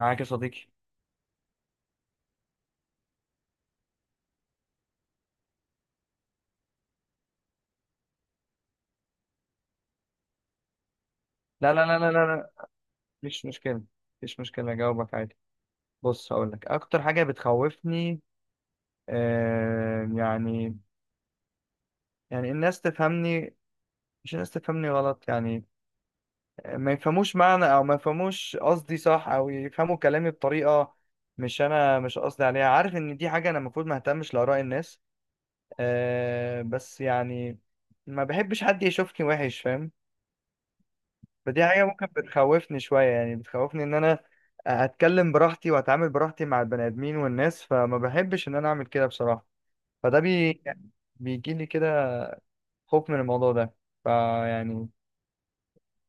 معاك يا صديقي. لا لا لا لا لا لا، مفيش مشكلة. أجاوبك عادي. بص، هقول لك أكتر حاجة بتخوفني. آه يعني يعني الناس تفهمني، مش الناس تفهمني غلط يعني، ما يفهموش معنى أو ما يفهموش قصدي صح، أو يفهموا كلامي بطريقة مش أنا مش قصدي عليها. عارف إن دي حاجة أنا المفروض ما أهتمش لآراء الناس، آه بس يعني ما بحبش حد يشوفني وحش، فاهم؟ فدي حاجة ممكن بتخوفني شوية، يعني بتخوفني إن أنا أتكلم براحتي وأتعامل براحتي مع البني آدمين والناس، فما بحبش إن أنا أعمل كده بصراحة. فده بي... بيجيلي كده خوف من الموضوع ده. فيعني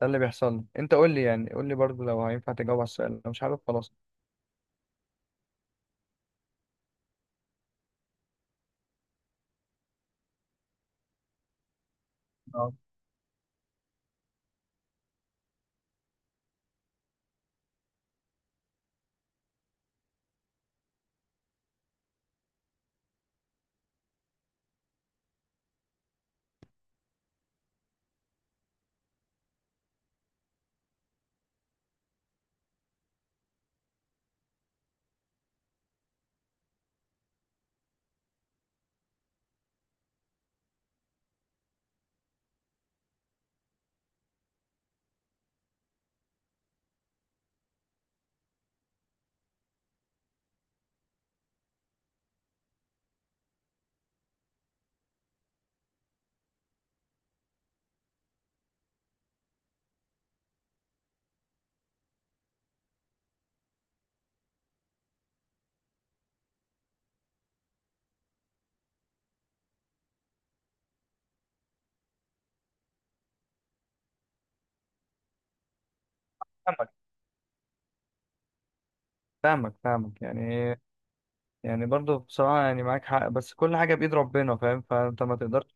ده اللي بيحصل لي. أنت قول لي، يعني قول لي برضه لو هينفع تجاوب على السؤال، لو مش عارف خلاص. آه. فاهمك فاهمك، فاهمك يعني. برضه بصراحة يعني معاك حق، بس كل حاجة بإيد ربنا فاهم، فأنت ما تقدرش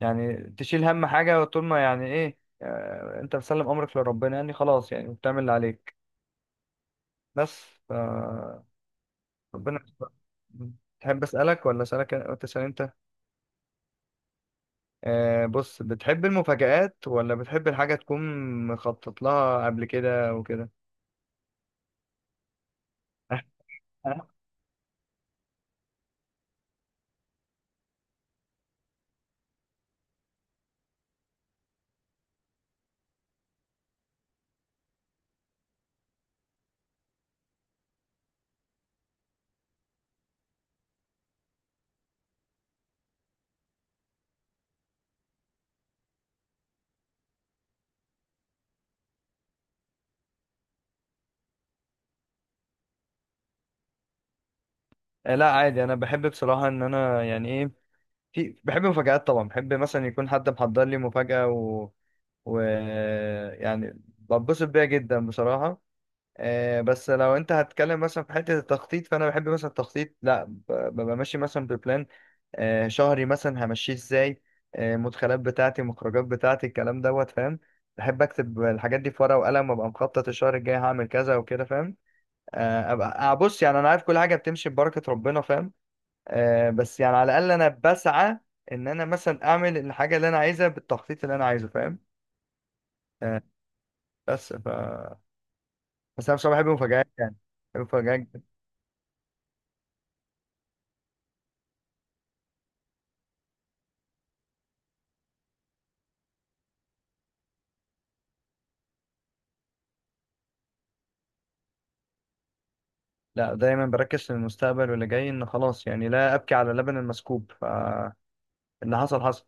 يعني تشيل هم حاجة طول ما يعني ايه آه، انت مسلم امرك لربنا، يعني خلاص يعني بتعمل اللي عليك بس ف ربنا يستر. تحب اسالك ولا اسالك؟ أنت تسال انت. بص، بتحب المفاجآت ولا بتحب الحاجة تكون مخطط لها قبل كده وكده؟ لا عادي، انا بحب بصراحة ان انا يعني ايه بحب المفاجآت طبعا. بحب مثلا يكون حد محضر لي مفاجأة و... يعني بتبسط بيها جدا بصراحة. بس لو انت هتتكلم مثلا في حته التخطيط، فانا بحب مثلا التخطيط. لا ب- ببقى ماشي مثلا ببلان شهري، مثلا همشيه ازاي، مدخلات بتاعتي مخرجات بتاعتي الكلام دوت، فاهم؟ بحب اكتب الحاجات دي في ورقه وقلم، وابقى مخطط الشهر الجاي هعمل كذا وكده، فاهم؟ آه، ابقى آه، بص، يعني انا عارف كل حاجه بتمشي ببركه ربنا فاهم، بس يعني على الاقل انا بسعى ان انا مثلا اعمل الحاجه اللي انا عايزها بالتخطيط اللي انا عايزه، فاهم؟ آه، بس ف بس انا بصراحه بحب المفاجآت يعني، بحب المفاجآت. لا، دايما بركز في المستقبل واللي جاي، ان خلاص يعني لا ابكي على لبن المسكوب، فاللي حصل حصل،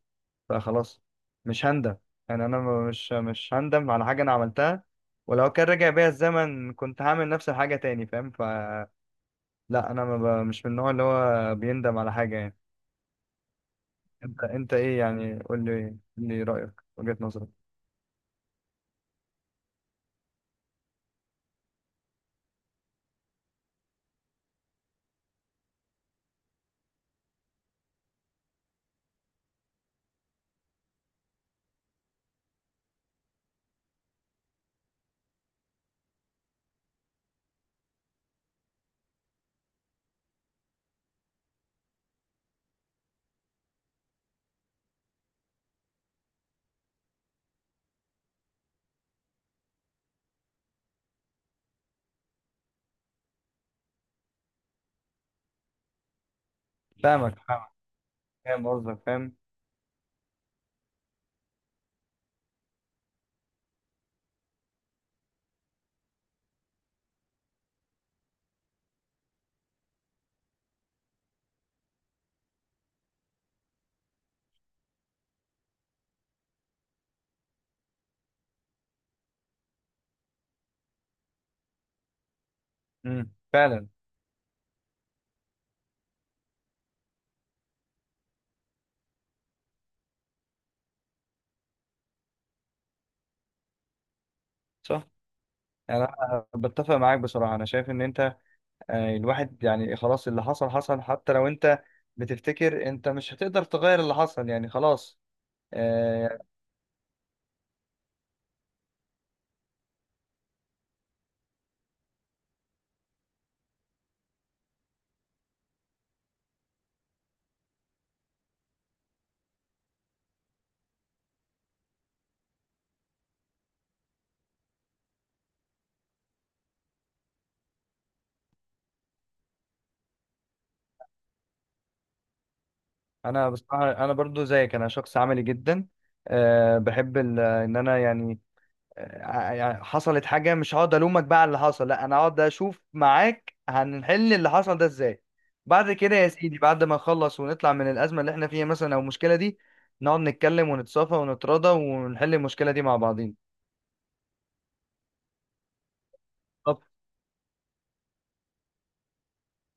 فخلاص مش هندم. يعني انا مش هندم على حاجه انا عملتها، ولو كان رجع بيا الزمن كنت هعمل نفس الحاجه تاني، فاهم؟ فلا، انا ما ب- مش من النوع اللي هو بيندم على حاجه يعني. انت ايه يعني؟ قول لي، قول لي رايك وجهه نظرك. فاهمك، فاهمك. فاهم قصدك، فاهم. امم، فعلا. صح. يعني انا بتفق معاك بصراحه، انا شايف ان انت يعني، الواحد يعني خلاص اللي حصل حصل، حتى لو انت بتفتكر انت مش هتقدر تغير اللي حصل، يعني خلاص. آه، انا بصراحة انا برضو زيك، انا شخص عملي جدا. آه، بحب ال- ان انا يعني آه، يعني حصلت حاجة، مش هقعد الومك بقى على اللي حصل، لا انا هقعد اشوف معاك هنحل اللي حصل ده ازاي. بعد كده يا سيدي، بعد ما نخلص ونطلع من الأزمة اللي احنا فيها مثلا او المشكلة دي، نقعد نتكلم ونتصافى ونتراضى ونحل المشكلة دي مع بعضين.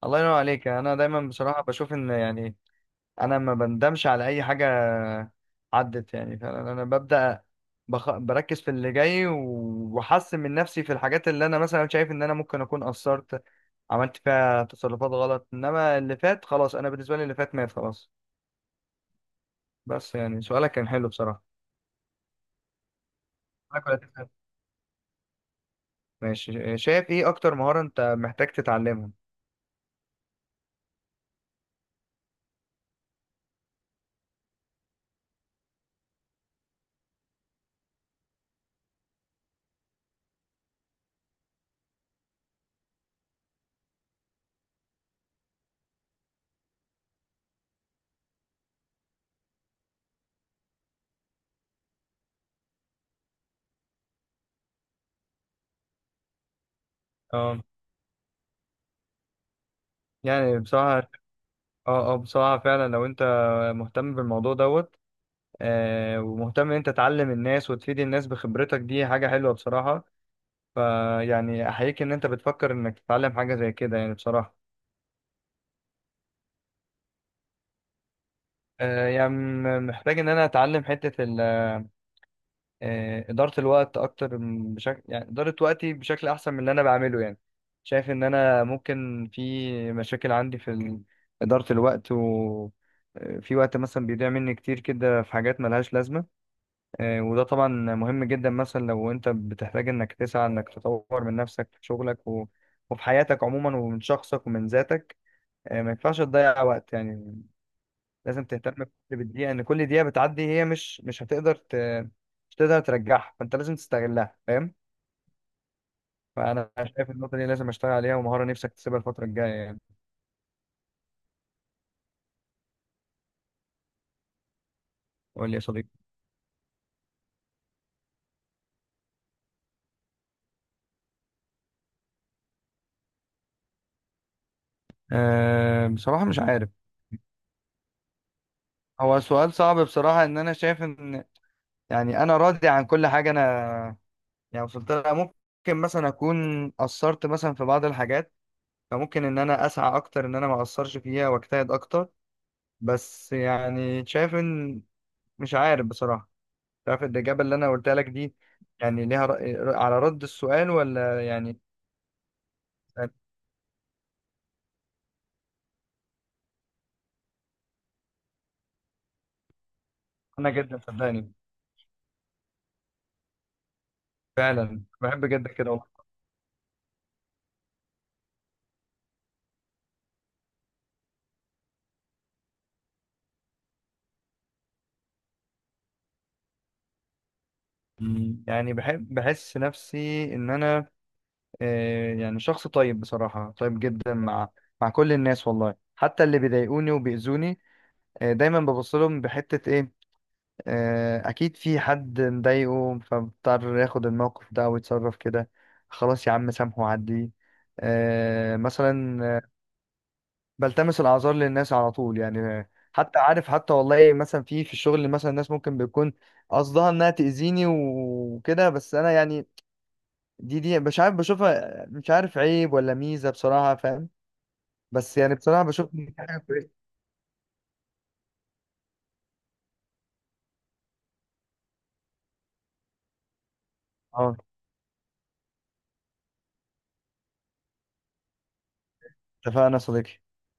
الله ينور عليك. انا دايما بصراحه بشوف ان يعني انا ما بندمش على اي حاجه عدت يعني. فانا ببدا بركز في اللي جاي، واحسن من نفسي في الحاجات اللي انا مثلا شايف ان انا ممكن اكون قصرت، عملت فيها تصرفات غلط. انما اللي فات خلاص، انا بالنسبه لي اللي فات مات، خلاص. بس يعني سؤالك كان حلو بصراحه. معاك ولا تسأل؟ ماشي. شايف ايه اكتر مهاره انت محتاج تتعلمها؟ اه، يعني بصراحه، اه اه بصراحه، فعلا لو انت مهتم بالموضوع دوت، ومهتم ان انت تعلم الناس وتفيد الناس بخبرتك، دي حاجة حلوة بصراحة. فيعني احييك ان انت بتفكر انك تتعلم حاجة زي كده، يعني بصراحة. محتاج ان انا اتعلم حتة ال- آه، إدارة الوقت اكتر، بشكل يعني إدارة وقتي بشكل احسن من اللي انا بعمله يعني. شايف ان انا ممكن في مشاكل عندي في إدارة الوقت و، في وقت مثلا بيضيع مني كتير كده في حاجات ملهاش لازمة. وده طبعا مهم جدا، مثلا لو انت بتحتاج انك تسعى انك تطور من نفسك في شغلك وفي حياتك عموما ومن شخصك ومن ذاتك، ما ينفعش تضيع وقت يعني. لازم تهتم بالدقيقة، ان كل دقيقة بتعدي هي مش هتقدر ترجعها، فانت لازم تستغلها فاهم. فانا شايف النقطة دي لازم اشتغل عليها، ومهارة نفسك تسيبها الفترة الجاية يعني. قول لي يا صديقي. أه بصراحة مش عارف. هو سؤال صعب بصراحة. ان انا شايف ان يعني انا راضي عن كل حاجة انا يعني وصلت لها. ممكن مثلا اكون قصرت مثلا في بعض الحاجات، فممكن ان انا اسعى اكتر ان انا ما اقصرش فيها واجتهد اكتر. بس يعني شايف ان، مش عارف بصراحة. شايف الاجابة اللي انا قلتها لك دي يعني ليها رأي على رد السؤال ولا يعني؟ انا جدا صدقني، فعلا بحب جدا كده والله. مم. يعني بحب بحس نفسي ان انا يعني شخص طيب بصراحة، طيب جدا مع مع كل الناس والله، حتى اللي بيضايقوني وبيأذوني دايما ببص لهم بحتة ايه آه، اكيد في حد مضايقه، فبضطر ياخد الموقف ده ويتصرف كده. خلاص يا عم، سامحه وعديه. آه، مثلا آه، بلتمس الاعذار للناس على طول يعني. حتى عارف، حتى والله مثلا في الشغل مثلا الناس ممكن بيكون قصدها انها تأذيني وكده، بس انا يعني دي مش عارف بشوفها مش عارف عيب ولا ميزة بصراحة فاهم. بس يعني بصراحة بشوف إن دي حاجة كويسة. اه، اتفقنا يا صديقي.